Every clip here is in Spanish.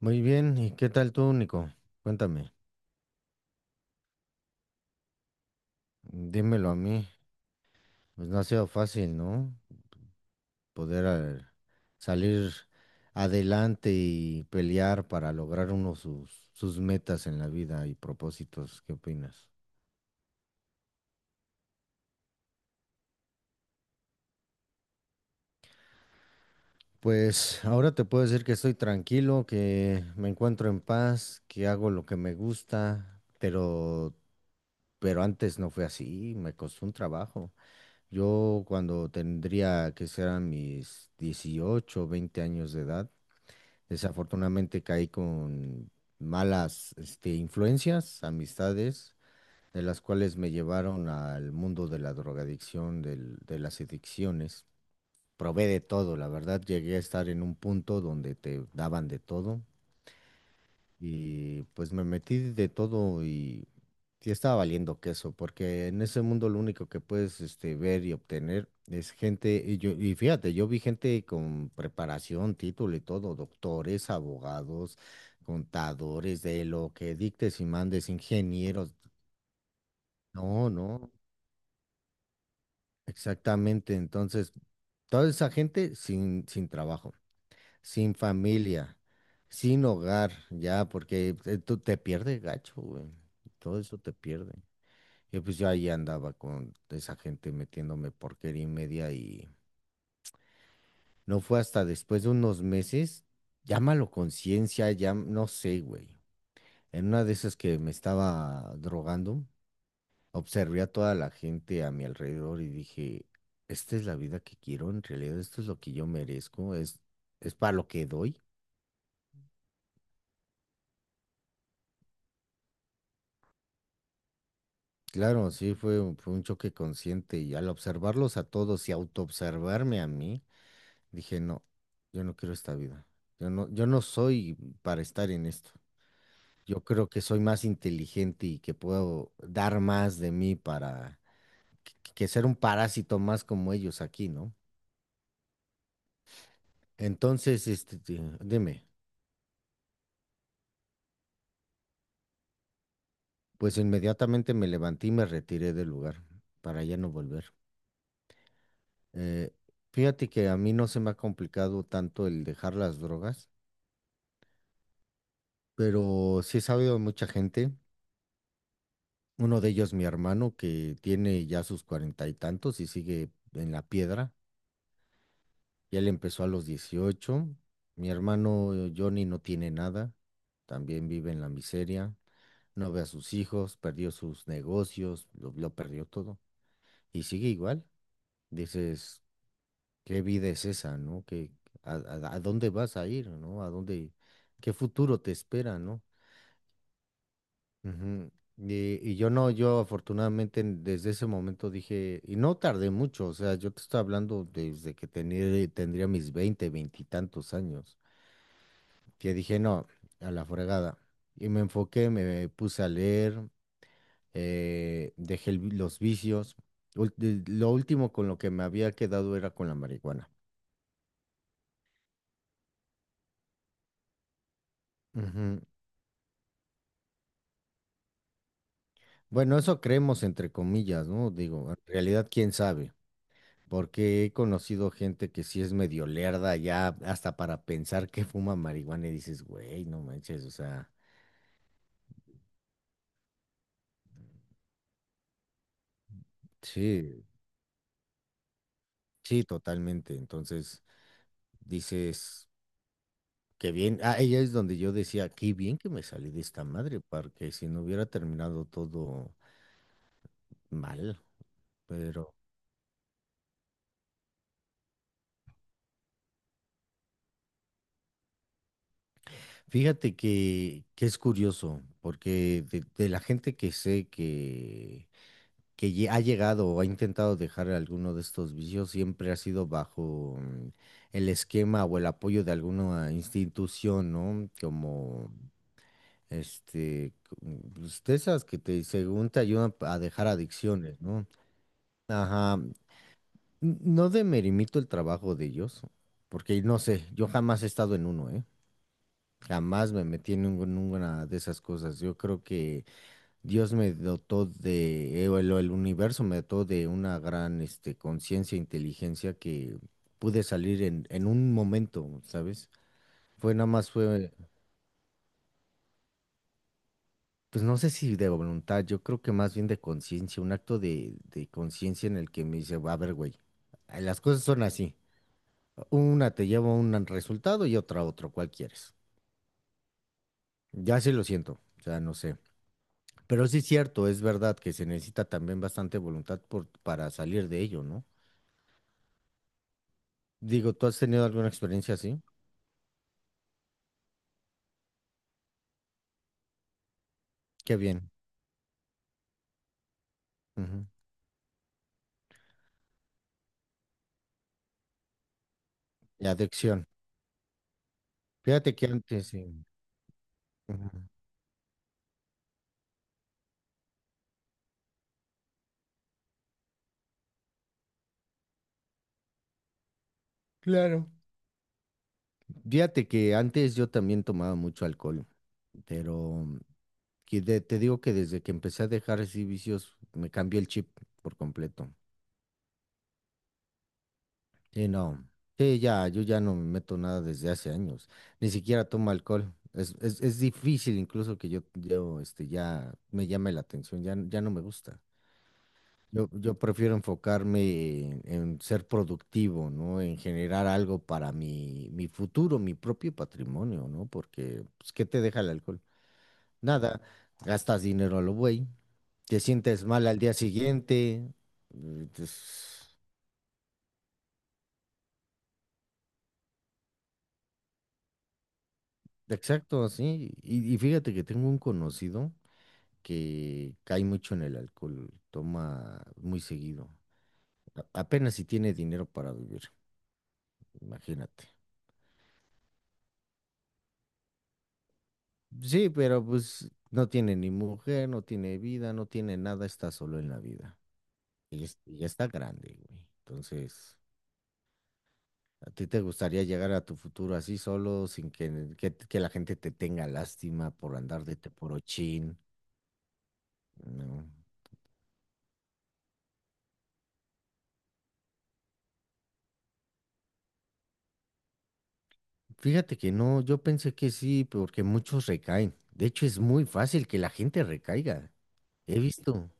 Muy bien, ¿y qué tal tú, Nico? Cuéntame, dímelo a mí. Pues no ha sido fácil, ¿no? Poder eh, salir adelante y pelear para lograr uno sus metas en la vida y propósitos. ¿Qué opinas? Pues ahora te puedo decir que estoy tranquilo, que me encuentro en paz, que hago lo que me gusta, pero antes no fue así, me costó un trabajo. Yo cuando tendría que serán mis 18, o 20 años de edad, desafortunadamente caí con malas influencias, amistades, de las cuales me llevaron al mundo de la drogadicción, de las adicciones. Probé de todo, la verdad, llegué a estar en un punto donde te daban de todo. Y pues me metí de todo y sí estaba valiendo queso, porque en ese mundo lo único que puedes ver y obtener es gente, y yo, y fíjate, yo vi gente con preparación, título y todo, doctores, abogados, contadores, de lo que dictes y mandes, ingenieros. No, no, exactamente. Entonces, toda esa gente sin trabajo, sin familia, sin hogar, ya, porque tú te pierdes gacho, güey. Todo eso te pierde. Y pues yo ahí andaba con esa gente metiéndome porquería y media y no fue hasta después de unos meses, llámalo conciencia, ya no sé, güey. En una de esas que me estaba drogando, observé a toda la gente a mi alrededor y dije, esta es la vida que quiero, en realidad esto es lo que yo merezco, es para lo que doy. Claro, sí, fue un choque consciente y al observarlos a todos y autoobservarme a mí, dije, no, yo no quiero esta vida. Yo no soy para estar en esto. Yo creo que soy más inteligente y que puedo dar más de mí para que ser un parásito más como ellos aquí, ¿no? Entonces, dime, pues inmediatamente me levanté y me retiré del lugar para ya no volver. Eh, Fíjate que a mí no se me ha complicado tanto el dejar las drogas, pero sí he sabido de mucha gente, uno de ellos mi hermano, que tiene ya sus cuarenta y tantos y sigue en la piedra, y él empezó a los 18, mi hermano Johnny no tiene nada, también vive en la miseria, no ve a sus hijos, perdió sus negocios, lo perdió todo, y sigue igual, dices, ¿qué vida es esa, no? ¿Qué, a dónde vas a ir, no? ¿A dónde, qué futuro te espera, no? Ujú. Y yo no, yo afortunadamente desde ese momento dije, y no tardé mucho, o sea, yo te estoy hablando desde que tenía, tendría mis 20 veintitantos años, que dije, no, a la fregada. Y me enfoqué, me puse a leer, dejé los vicios. Lo último con lo que me había quedado era con la marihuana. Ujú. Bueno, eso creemos entre comillas, ¿no? Digo, en realidad, ¿quién sabe? Porque he conocido gente que sí es medio lerda ya hasta para pensar que fuma marihuana y dices, güey, no manches, o sea, sí, sí, totalmente. Entonces dices, qué bien. Ah, ella es donde yo decía, qué bien que me salí de esta madre, porque si no hubiera terminado todo mal. Pero fíjate que es curioso, porque de la gente que sé que ha llegado o ha intentado dejar alguno de estos vicios siempre ha sido bajo el esquema o el apoyo de alguna institución, ¿no? Como este, cu- pues, de esas que te, según te ayudan a dejar adicciones, ¿no? Ajá. No demerimito el trabajo de ellos, porque no sé, yo jamás he estado en uno, ¿eh? Jamás me metí en ninguna de esas cosas. Yo creo que Dios me dotó de, el universo me dotó de una gran, conciencia, inteligencia que pude salir en un momento, ¿sabes? Fue nada más, pues no sé si de voluntad, yo creo que más bien de conciencia, un acto de conciencia en el que me dice, a ver, güey, las cosas son así. Una te lleva a un resultado y otra a otro, ¿cuál quieres? Ya sí lo siento, o sea, no sé. Pero sí es cierto, es verdad que se necesita también bastante voluntad para salir de ello, ¿no? Digo, ¿tú has tenido alguna experiencia así? Qué bien. Ujú. Y adicción. Fíjate que antes sí. Ujú. Claro. Fíjate que antes yo también tomaba mucho alcohol, pero que te digo que desde que empecé a dejar así vicios, me cambió el chip por completo. Sí, no. Sí, ya, yo ya no me meto nada desde hace años. Ni siquiera tomo alcohol. Es difícil incluso que yo ya me llame la atención, ya, ya no me gusta. Yo prefiero enfocarme en ser productivo, ¿no? En generar algo para mi futuro, mi propio patrimonio, ¿no? Porque, pues, ¿qué te deja el alcohol? Nada, gastas dinero a lo güey, te sientes mal al día siguiente. Eh, pues, exacto, sí. Y fíjate que tengo un conocido que cae mucho en el alcohol, toma muy seguido. Apenas si tiene dinero para vivir, imagínate. Sí, pero pues no tiene ni mujer, no tiene vida, no tiene nada, está solo en la vida. Y ya está grande, güey. Entonces, ¿a ti te gustaría llegar a tu futuro así solo, sin que, que la gente te tenga lástima por andar de teporochín? No. Fíjate que no, yo pensé que sí, porque muchos recaen. De hecho, es muy fácil que la gente recaiga. He visto.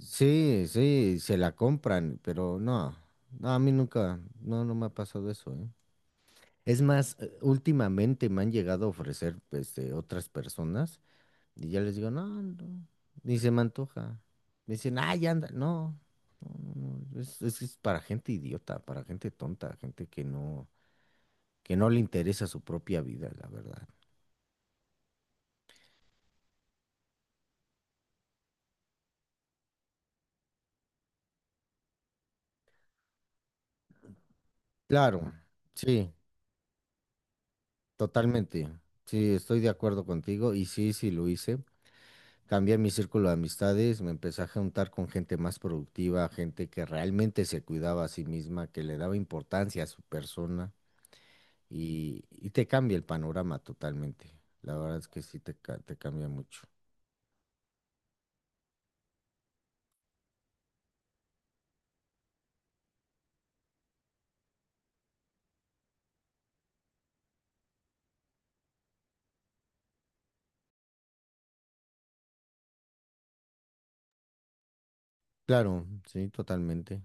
Sí, sí, se la compran, pero no, no, a mí nunca, no, no me ha pasado eso, ¿eh? Es más, últimamente me han llegado a ofrecer otras personas y ya les digo, no, no, ni se me antoja. Me dicen, ah, ya anda, no, no, no, no, es para gente idiota, para gente tonta, gente que no le interesa su propia vida, la verdad. Claro, sí, totalmente. Sí, estoy de acuerdo contigo y sí, sí lo hice. Cambié mi círculo de amistades, me empecé a juntar con gente más productiva, gente que realmente se cuidaba a sí misma, que le daba importancia a su persona y te cambia el panorama totalmente. La verdad es que sí te, te cambia mucho. Claro, sí, totalmente.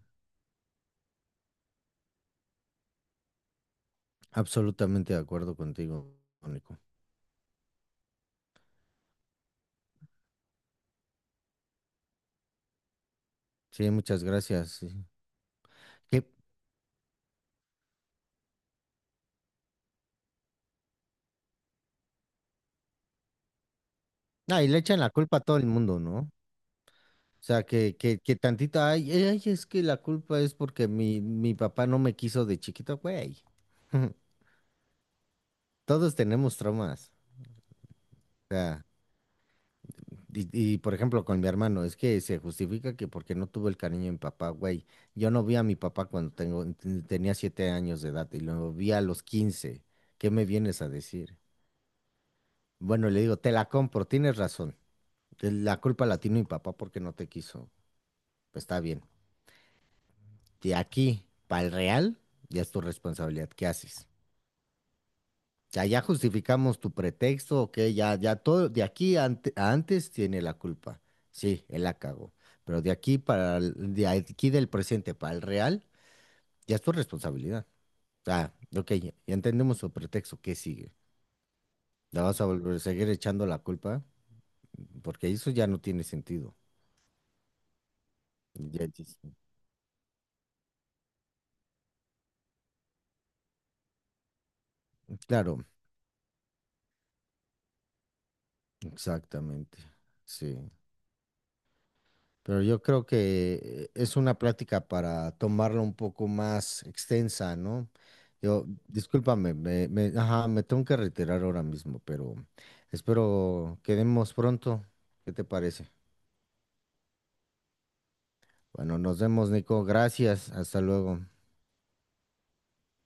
Absolutamente de acuerdo contigo, Nico. Sí, muchas gracias, sí. Que, ah, y le echan la culpa a todo el mundo, ¿no? O sea, que tantita, ay, ay, es que la culpa es porque mi papá no me quiso de chiquito, güey. Todos tenemos traumas. O sea, y, y, por ejemplo, con mi hermano, es que se justifica que porque no tuve el cariño de mi papá, güey. Yo no vi a mi papá cuando tengo, tenía 7 años de edad y lo vi a los 15. ¿Qué me vienes a decir? Bueno, le digo, te la compro, tienes razón. La culpa la tiene mi papá porque no te quiso. Pues está bien. De aquí para el real, ya es tu responsabilidad. ¿Qué haces? Ya, ya justificamos tu pretexto, ok, ya, ya todo, de aquí ante- a antes tiene la culpa. Sí, él la cagó. Pero de aquí del presente para el real, ya es tu responsabilidad. Ah, ok, ya, ya entendemos su pretexto, ¿qué sigue? ¿La vas a volver a seguir echando la culpa? Porque eso ya no tiene sentido. Ya dices, claro, exactamente. Sí. Pero yo creo que es una plática para tomarla un poco más extensa, ¿no? Yo, discúlpame, ajá, me tengo que retirar ahora mismo, pero espero quedemos pronto. ¿Qué te parece? Bueno, nos vemos, Nico. Gracias. Hasta luego.